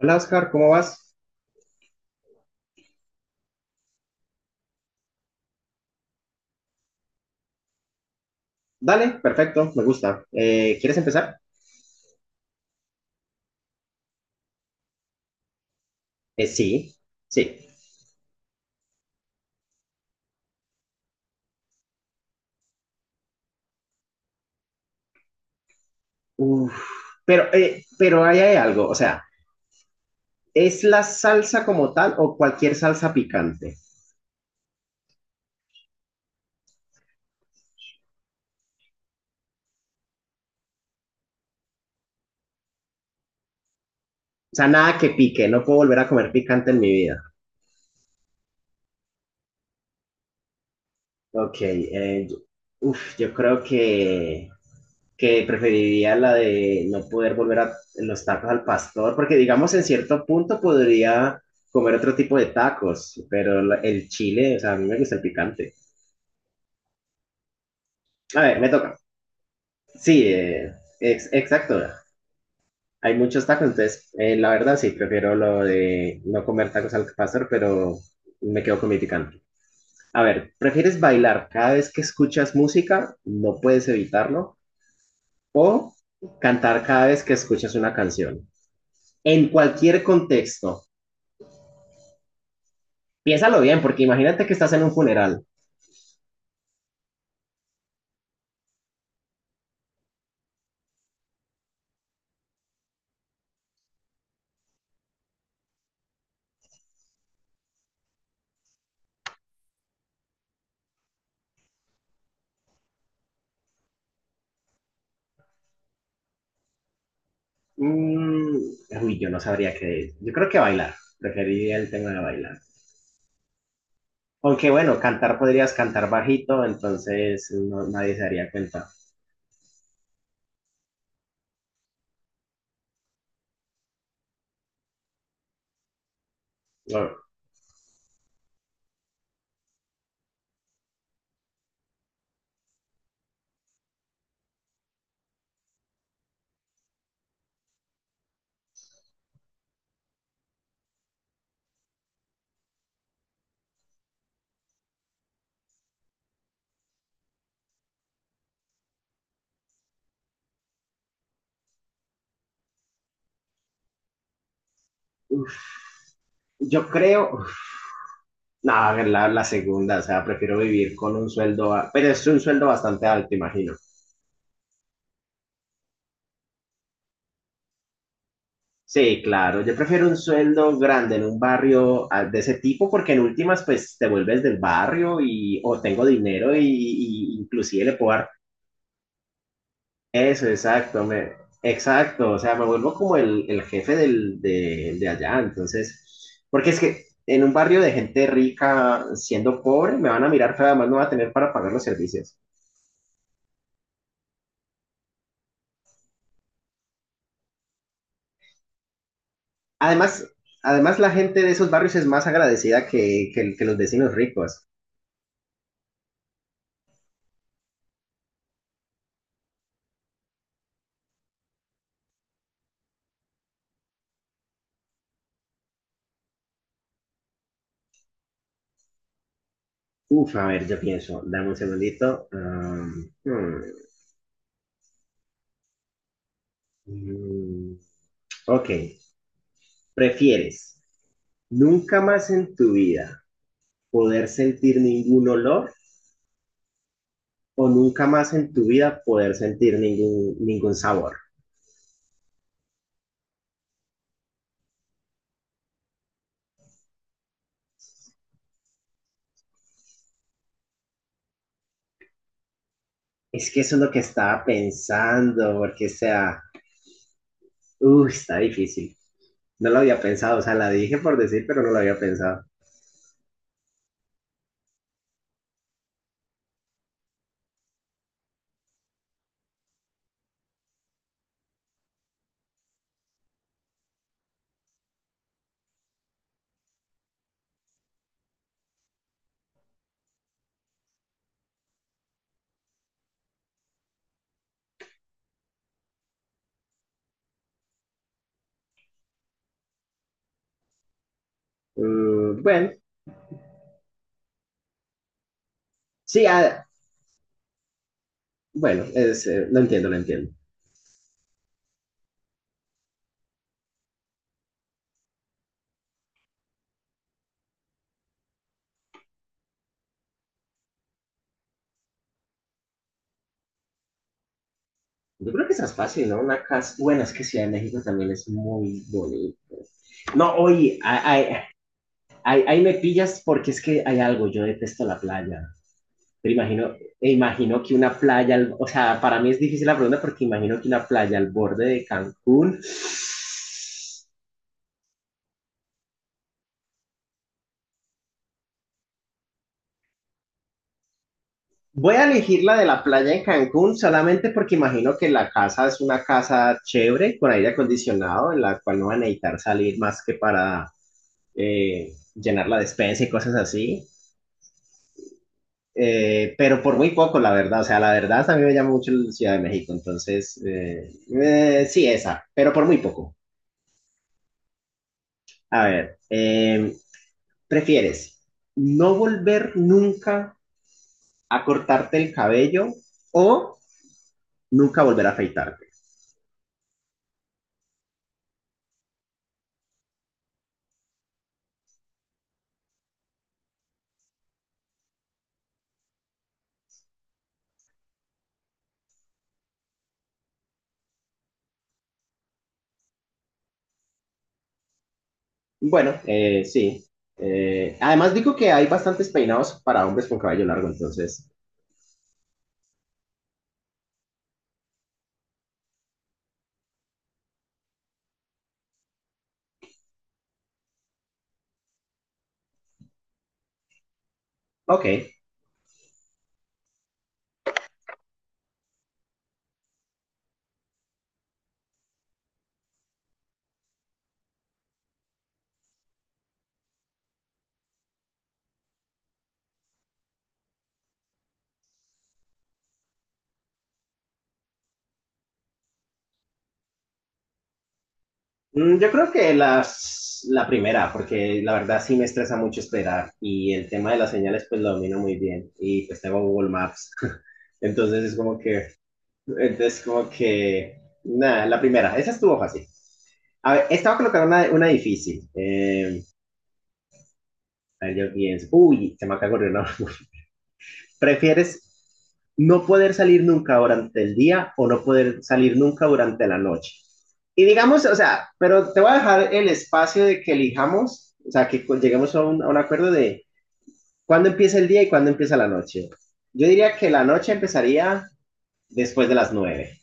Hola Oscar, ¿cómo vas? Dale, perfecto, me gusta. ¿Quieres empezar? Sí. Sí. Uf, pero ahí hay algo, o sea, ¿es la salsa como tal o cualquier salsa picante? O sea, nada que pique, no puedo volver a comer picante en mi vida. Ok, uf, yo creo que preferiría la de no poder volver a los tacos al pastor, porque digamos en cierto punto podría comer otro tipo de tacos, pero el chile, o sea, a mí me gusta el picante. A ver, me toca. Sí, exacto. Hay muchos tacos, entonces, la verdad sí, prefiero lo de no comer tacos al pastor, pero me quedo con mi picante. A ver, ¿prefieres bailar cada vez que escuchas música? No puedes evitarlo. ¿O cantar cada vez que escuchas una canción? En cualquier contexto. Piénsalo bien, porque imagínate que estás en un funeral. Mm, uy, yo no sabría qué. Yo creo que bailar. Preferiría el tema de bailar. Aunque bueno, cantar podrías cantar bajito, entonces nadie se daría cuenta. Bueno, uf, yo creo, uf, no, la segunda, o sea, prefiero vivir con un sueldo, pero es un sueldo bastante alto, imagino. Sí, claro, yo prefiero un sueldo grande en un barrio de ese tipo, porque en últimas, pues te vuelves del barrio y o tengo dinero y inclusive le puedo dar. Eso, exacto, exacto, o sea, me vuelvo como el jefe de allá, entonces, porque es que en un barrio de gente rica, siendo pobre, me van a mirar feo, además no va a tener para pagar los servicios. Además, además, la gente de esos barrios es más agradecida que los vecinos ricos. Uf, a ver, yo pienso, dame un segundito. Mm, ok, ¿prefieres nunca más en tu vida poder sentir ningún olor o nunca más en tu vida poder sentir ningún sabor? Es que eso es lo que estaba pensando, porque o sea, está difícil. No lo había pensado, o sea, la dije por decir, pero no lo había pensado. Mm, bueno, sí, bueno, lo entiendo, lo entiendo. Yo creo que esa es fácil, ¿no? Una casa, bueno, es que Ciudad de México también es muy bonito. No, oye, ahí me pillas porque es que hay algo, yo detesto la playa. Pero imagino, e imagino que una playa, o sea, para mí es difícil la pregunta porque imagino que una playa al borde de Cancún. Voy a elegir la de la playa en Cancún solamente porque imagino que la casa es una casa chévere, con aire acondicionado, en la cual no van a necesitar salir más que para llenar la despensa y cosas así. Pero por muy poco, la verdad. O sea, la verdad, a mí me llama mucho la Ciudad de México. Entonces, sí, esa, pero por muy poco. A ver, ¿prefieres no volver nunca a cortarte el cabello o nunca volver a afeitarte? Bueno, sí. Además, digo que hay bastantes peinados para hombres con cabello largo, entonces, ok. Mm. Yo creo que la primera, porque la verdad sí me estresa mucho esperar y el tema de las señales pues lo domino muy bien y pues tengo Google Maps, entonces es como que, entonces como que, nada, la primera, esa estuvo fácil. A ver, esta va a colocar una difícil. A ver, yo pienso. Uy, se me acaba de ocurrir, ¿no? ¿Prefieres no poder salir nunca durante el día o no poder salir nunca durante la noche? Y digamos, o sea, pero te voy a dejar el espacio de que elijamos, o sea, que lleguemos a a un acuerdo de cuándo empieza el día y cuándo empieza la noche. Yo diría que la noche empezaría después de las 9.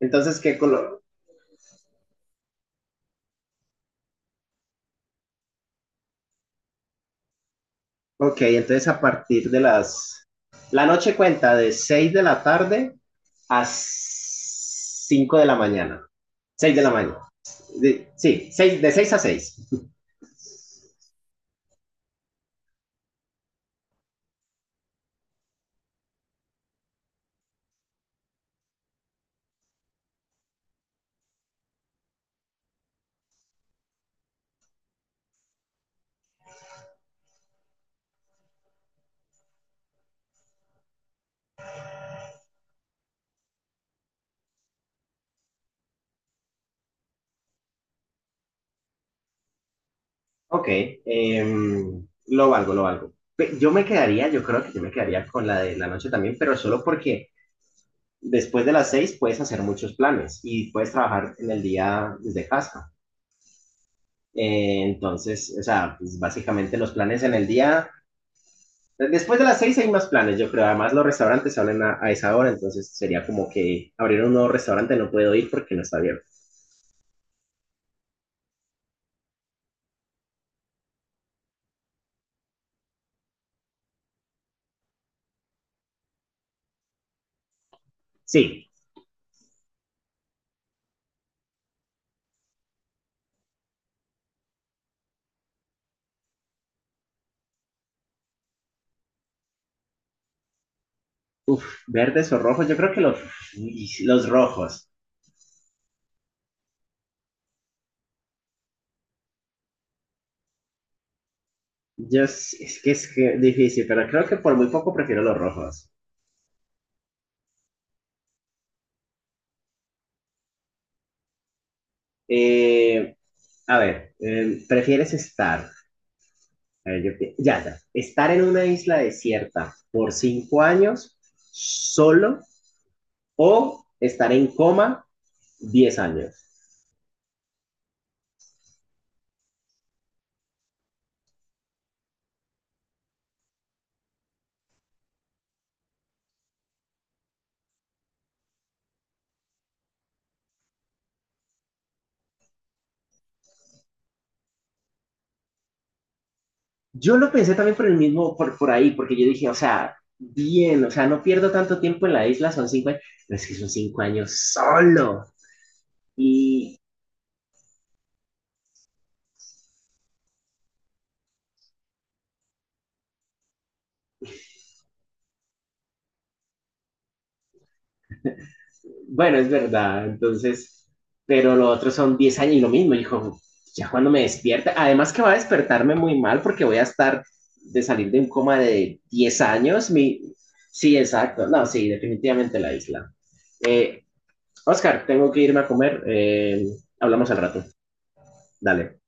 Entonces, ¿qué color? Ok, entonces a partir de las... La noche cuenta de 6 de la tarde a 5 de la mañana. 6 de la mañana. Sí, 6, de 6 a 6. Ok, lo valgo, lo valgo. Yo me quedaría, yo creo que yo me quedaría con la de la noche también, pero solo porque después de las 6 puedes hacer muchos planes y puedes trabajar en el día desde casa. Entonces, o sea, pues básicamente los planes en el día, después de las 6 hay más planes, yo creo. Además, los restaurantes salen a esa hora, entonces sería como que abrir un nuevo restaurante no puedo ir porque no está abierto. Sí, uf, verdes o rojos, yo creo que los rojos. Yo, s- es que difícil, pero creo que por muy poco prefiero los rojos. Eh, a ver, ¿prefieres estar, a ver, yo pi- ya, ya, estar en una isla desierta por 5 años solo o estar en coma 10 años? Yo lo pensé también por el mismo, por ahí, porque yo dije, o sea, bien, o sea, no pierdo tanto tiempo en la isla, son 5 años, pero es que son 5 años solo. Y bueno, es verdad, entonces, pero lo otro son 10 años y lo mismo, hijo, ya cuando me despierta, además que va a despertarme muy mal porque voy a estar de salir de un coma de 10 años, mi... Sí, exacto, no, sí, definitivamente la isla. Eh, Oscar, tengo que irme a comer, hablamos al rato, dale.